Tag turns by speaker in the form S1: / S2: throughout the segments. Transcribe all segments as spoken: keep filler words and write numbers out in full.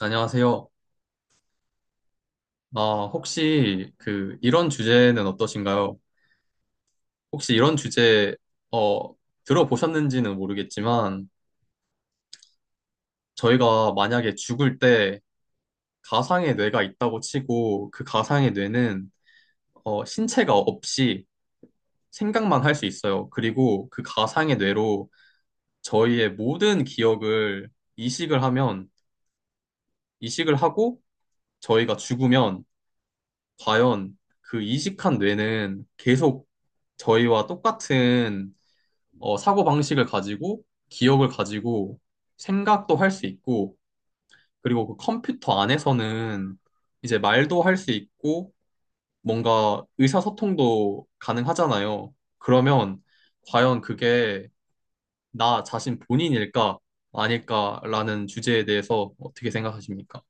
S1: 안녕하세요. 아, 혹시 그 이런 주제는 어떠신가요? 혹시 이런 주제 어, 들어보셨는지는 모르겠지만 저희가 만약에 죽을 때 가상의 뇌가 있다고 치고 그 가상의 뇌는 어, 신체가 없이 생각만 할 수 있어요. 그리고 그 가상의 뇌로 저희의 모든 기억을 이식을 하면 이식을 하고 저희가 죽으면 과연 그 이식한 뇌는 계속 저희와 똑같은 어, 사고 방식을 가지고 기억을 가지고 생각도 할 수 있고 그리고 그 컴퓨터 안에서는 이제 말도 할 수 있고 뭔가 의사소통도 가능하잖아요. 그러면 과연 그게 나 자신 본인일까 아닐까라는 주제에 대해서 어떻게 생각하십니까?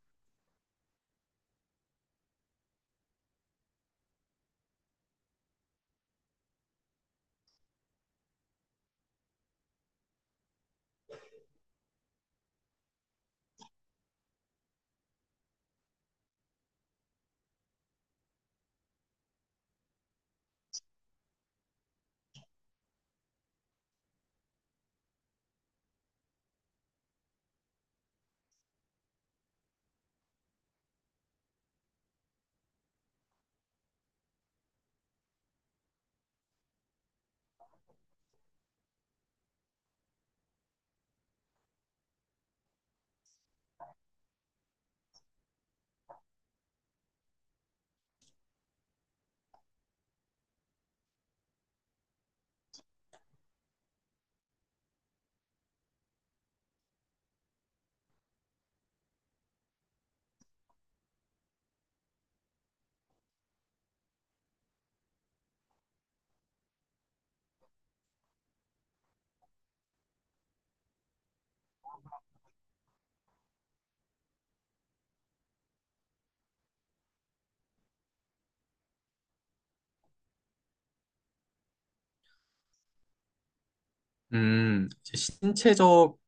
S1: 음, 이제 신체적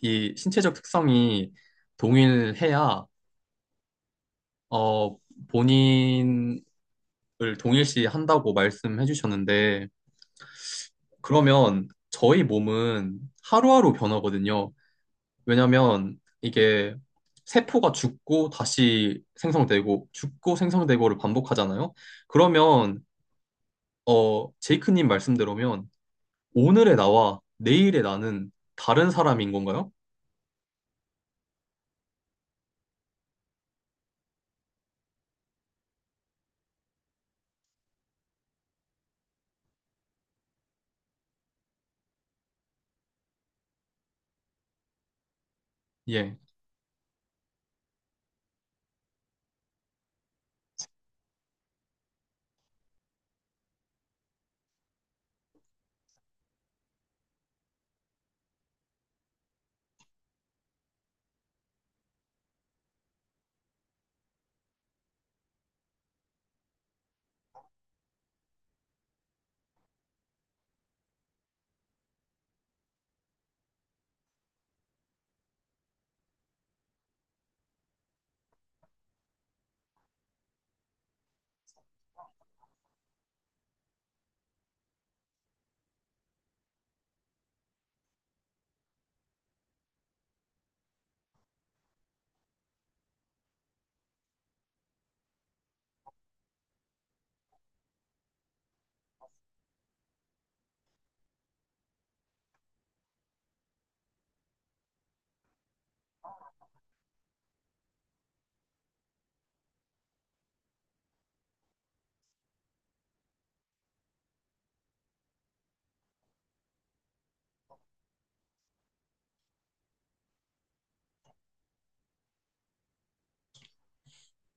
S1: 이 신체적 특성이 동일해야 어 본인을 동일시 한다고 말씀해 주셨는데 그러면 저희 몸은 하루하루 변하거든요. 왜냐면 이게 세포가 죽고 다시 생성되고 죽고 생성되고를 반복하잖아요. 그러면 어 제이크님 말씀대로면 오늘의 나와 내일의 나는 다른 사람인 건가요? 예.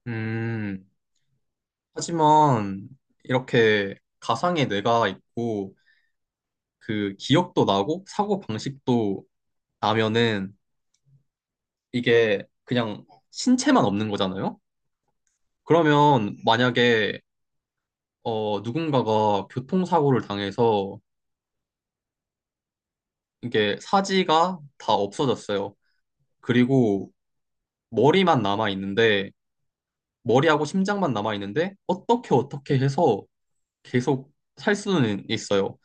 S1: 음. 하지만 이렇게 가상의 뇌가 있고 그 기억도 나고 사고 방식도 나면은 이게 그냥 신체만 없는 거잖아요. 그러면 만약에 어, 누군가가 교통사고를 당해서 이게 사지가 다 없어졌어요. 그리고 머리만 남아 있는데 머리하고 심장만 남아 있는데 어떻게 어떻게 해서 계속 살 수는 있어요.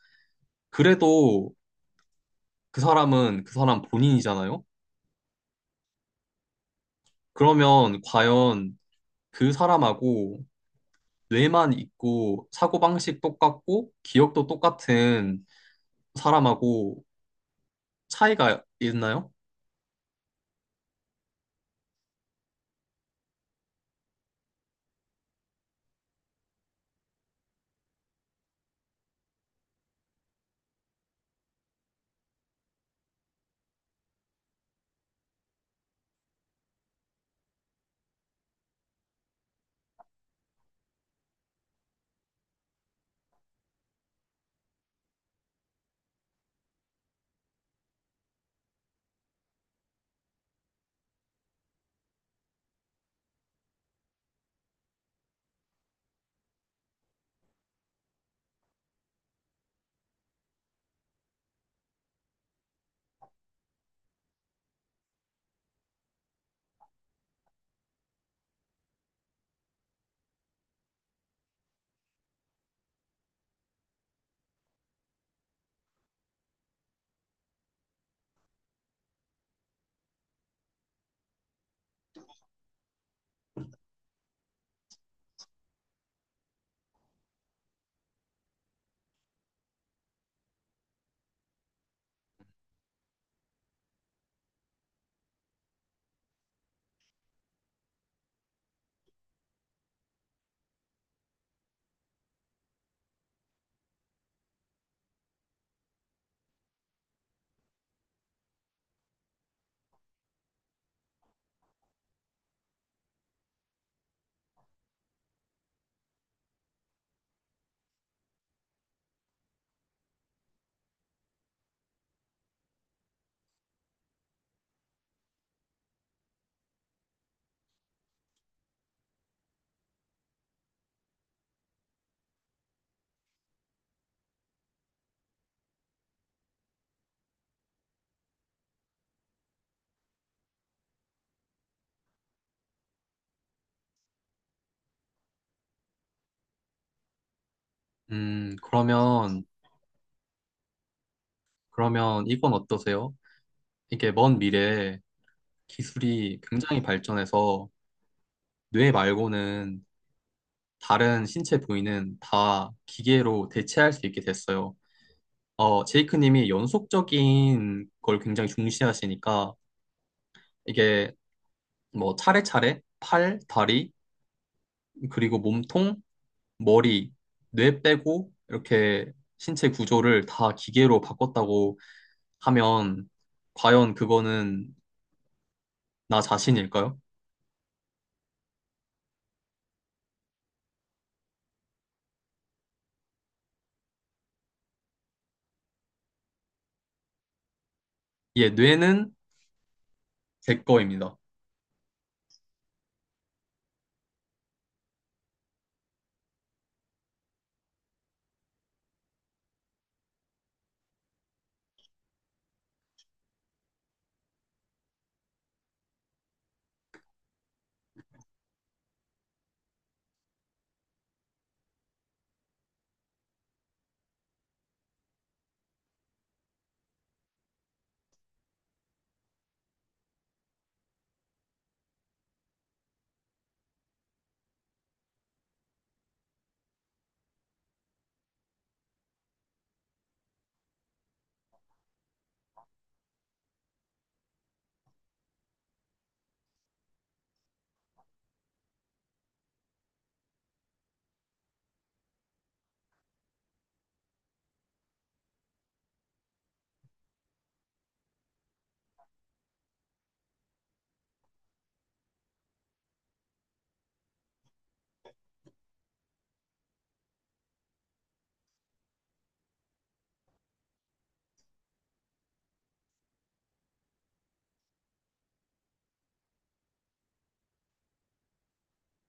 S1: 그래도 그 사람은 그 사람 본인이잖아요. 그러면 과연 그 사람하고 뇌만 있고 사고방식 똑같고 기억도 똑같은 사람하고 차이가 있나요? 음, 그러면, 그러면 이건 어떠세요? 이게 먼 미래에 기술이 굉장히 발전해서 뇌 말고는 다른 신체 부위는 다 기계로 대체할 수 있게 됐어요. 어, 제이크 님이 연속적인 걸 굉장히 중시하시니까 이게 뭐 차례차례 팔, 다리, 그리고 몸통, 머리, 뇌 빼고 이렇게 신체 구조를 다 기계로 바꿨다고 하면 과연 그거는 나 자신일까요? 예, 뇌는 제 거입니다.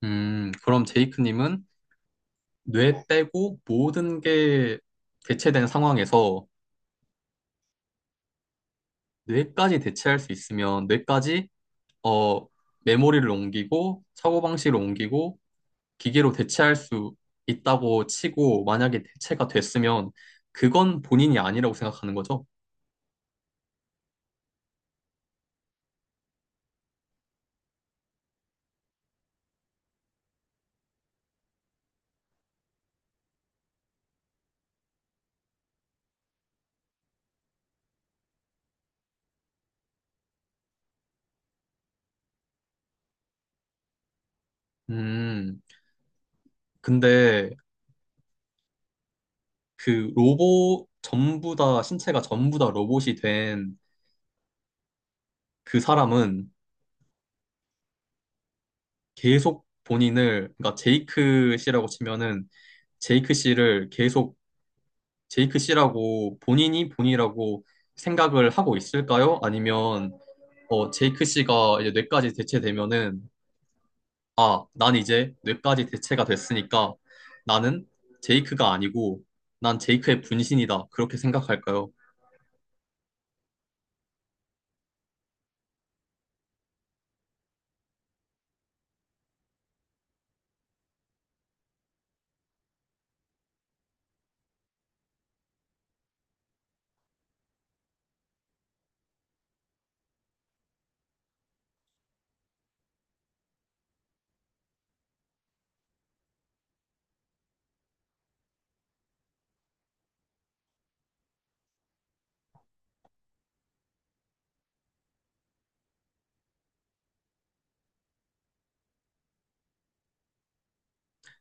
S1: 음, 그럼 제이크님은 뇌 빼고 모든 게 대체된 상황에서 뇌까지 대체할 수 있으면 뇌까지 어, 메모리를 옮기고 사고방식을 옮기고 기계로 대체할 수 있다고 치고 만약에 대체가 됐으면 그건 본인이 아니라고 생각하는 거죠. 음, 근데 그 로봇 전부 다, 신체가 전부 다 로봇이 된 그 사람은 계속 본인을, 그러니까 제이크 씨라고 치면은 제이크 씨를 계속 제이크 씨라고 본인이 본이라고 생각을 하고 있을까요? 아니면 어, 제이크 씨가 이제 뇌까지 대체되면은 아, 난 이제 뇌까지 대체가 됐으니까 나는 제이크가 아니고 난 제이크의 분신이다. 그렇게 생각할까요?